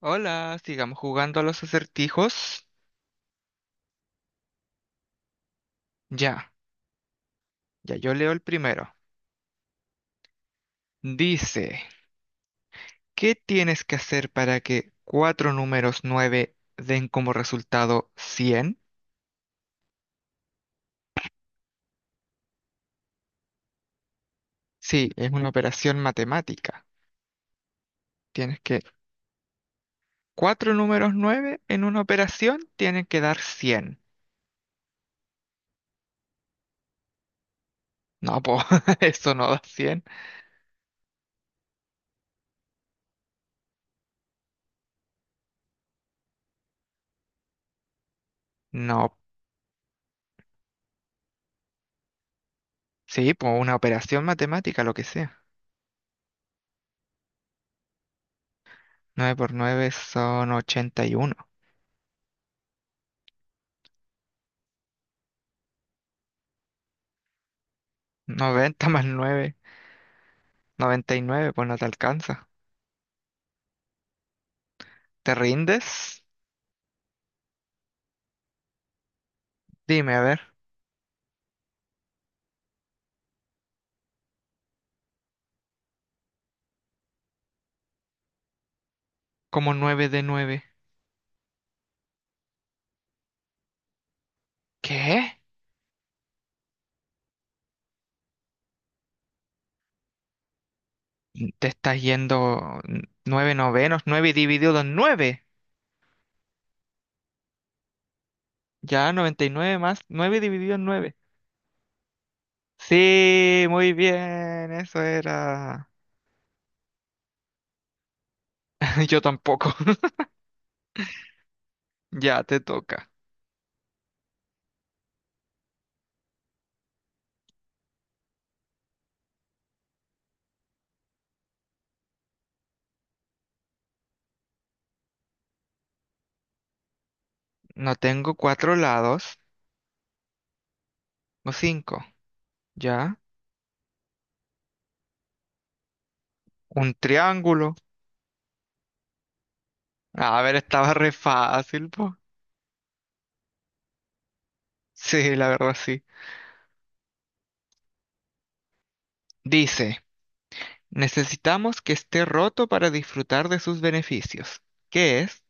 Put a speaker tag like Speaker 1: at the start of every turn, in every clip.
Speaker 1: Hola, sigamos jugando a los acertijos. Ya, ya yo leo el primero. Dice, ¿qué tienes que hacer para que cuatro números nueve den como resultado 100? Sí, es una operación matemática. Tienes que Cuatro números nueve en una operación tienen que dar 100. No, pues eso no da 100. No, sí, pues una operación matemática, lo que sea. 9 por 9 son ochenta y uno. Noventa más 9, 99, pues no te alcanza. ¿Te rindes? Dime, a ver, como nueve de 9. ¿Qué? Te estás yendo 9 novenos, 9 dividido en 9. Ya, 99 más 9 dividido en 9. Sí, muy bien, eso era. Yo tampoco. Ya te toca. No tengo cuatro lados, o cinco. Ya, un triángulo. A ver, estaba re fácil, po. Sí, la verdad, sí. Dice. Necesitamos que esté roto para disfrutar de sus beneficios. ¿Qué es?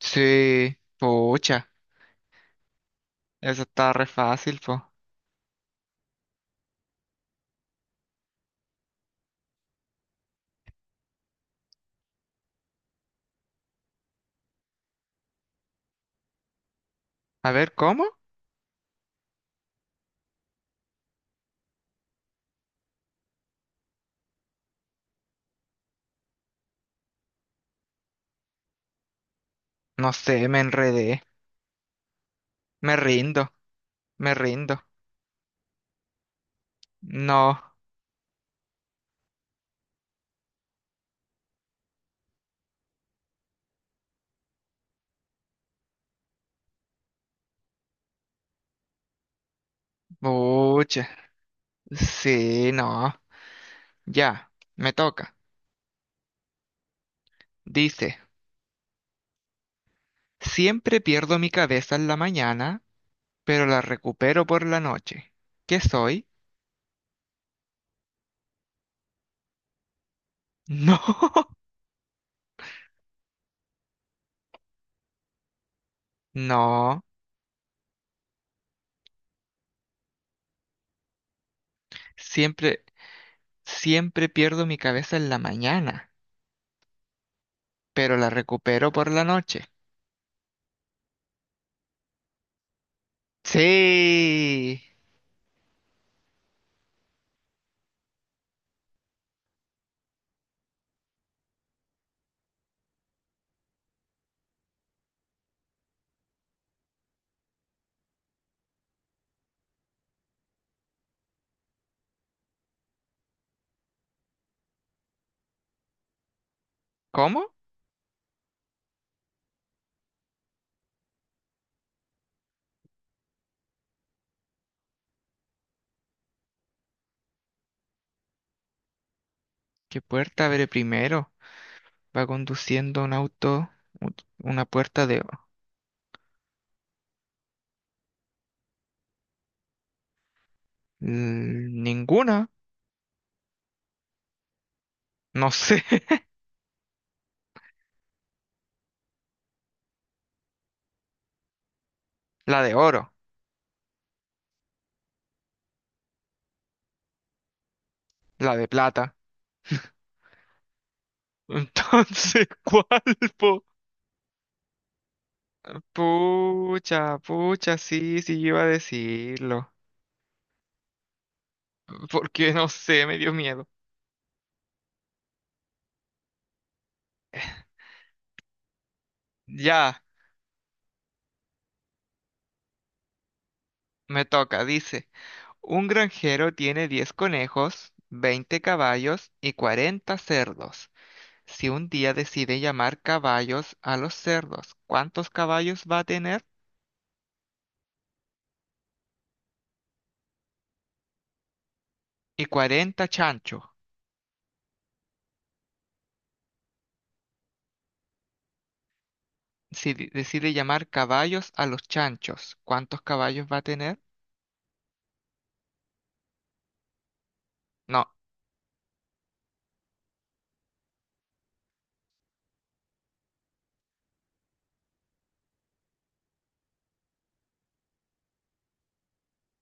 Speaker 1: Sí, pucha, eso está re fácil, po. A ver, ¿cómo? No sé, me enredé. Me rindo, me rindo. No, pucha. Sí, no. Ya, me toca. Dice, siempre pierdo mi cabeza en la mañana, pero la recupero por la noche. ¿Qué soy? No, no. Siempre. Siempre pierdo mi cabeza en la mañana, pero la recupero por la noche. Sí. ¿Cómo? ¿Qué puerta abre primero? Va conduciendo un auto, u- una puerta de. Ninguna. No sé. La de oro, la de plata. Entonces, ¿cuál, po? Pucha, pucha, sí, sí, yo iba a decirlo. Porque no sé, me dio miedo. Ya, me toca, dice. Un granjero tiene 10 conejos, 20 caballos y 40 cerdos. Si un día decide llamar caballos a los cerdos, ¿cuántos caballos va a tener? Y cuarenta chanchos. Si decide llamar caballos a los chanchos, ¿cuántos caballos va a tener? No,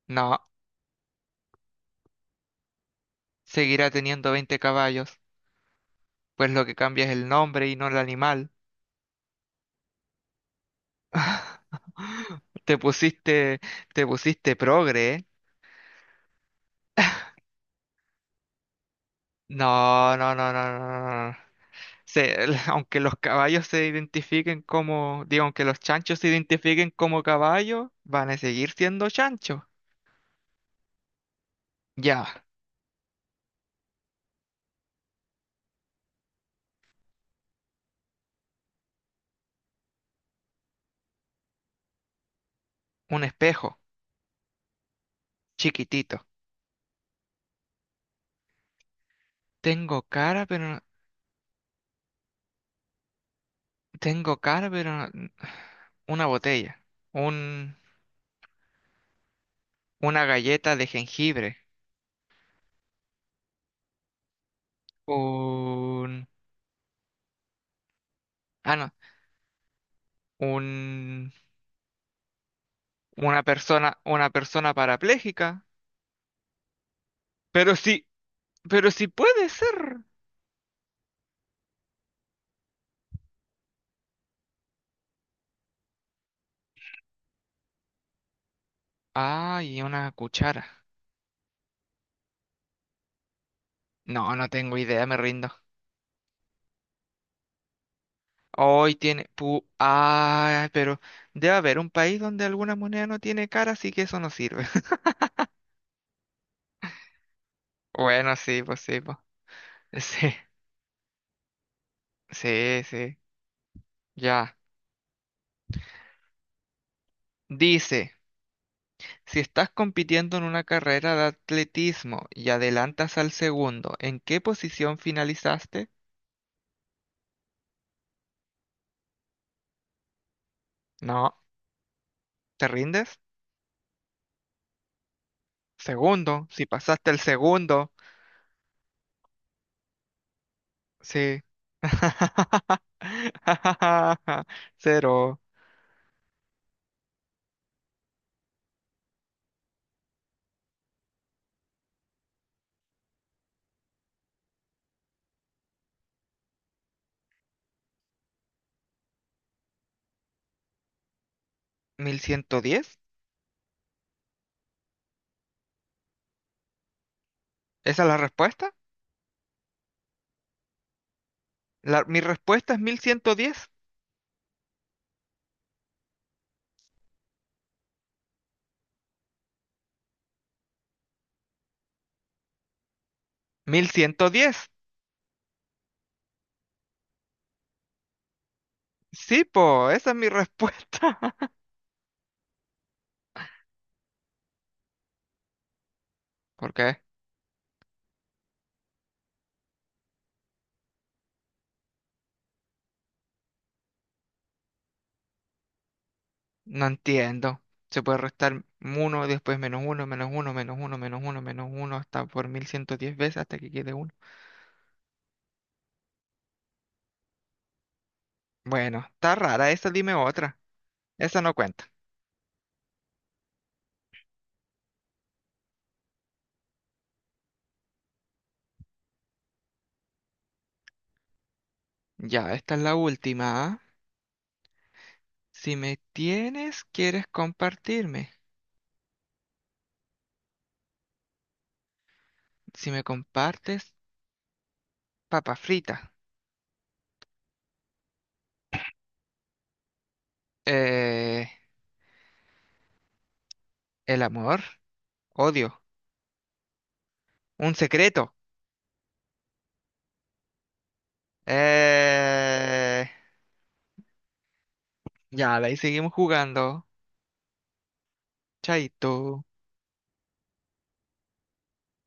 Speaker 1: no, seguirá teniendo 20 caballos, pues lo que cambia es el nombre y no el animal. Te pusiste, te pusiste progre, ¿eh? No, no, no, no, no. No, no. No. Aunque los caballos se identifiquen como, digo, aunque los chanchos se identifiquen como caballos, van a seguir siendo chanchos. Ya, un espejo, chiquitito. Tengo cara, pero no- tengo cara, pero no- Una botella, un una galleta de jengibre, un ah no, un una persona parapléjica. Pero sí, pero sí puede ser. Ah, y una cuchara. No, no tengo idea, me rindo. Hoy tiene... Pu ah, Pero debe haber un país donde alguna moneda no tiene cara, así que eso no sirve. Bueno, sí, pues sí, pues. Sí, sí, sí. Ya. Dice, si estás compitiendo en una carrera de atletismo y adelantas al segundo, ¿en qué posición finalizaste? No. ¿Te rindes? Segundo. Si pasaste el segundo. Sí. ¿Cero? Mil ciento diez. ¿Esa es la respuesta? Mi respuesta es mil ciento diez. Sí, po, esa es mi respuesta. ¿Por qué? No entiendo. Se puede restar uno después menos uno menos uno menos uno menos uno menos uno hasta por 1110 veces hasta que quede uno. Bueno, está rara esa, dime otra. Esa no cuenta. Ya, esta es la última. ¿Ah? Si me tienes, quieres compartirme. Si me compartes, papa frita. Eh, el amor, odio, un secreto. Eh, ya, de ahí seguimos jugando. Chaito.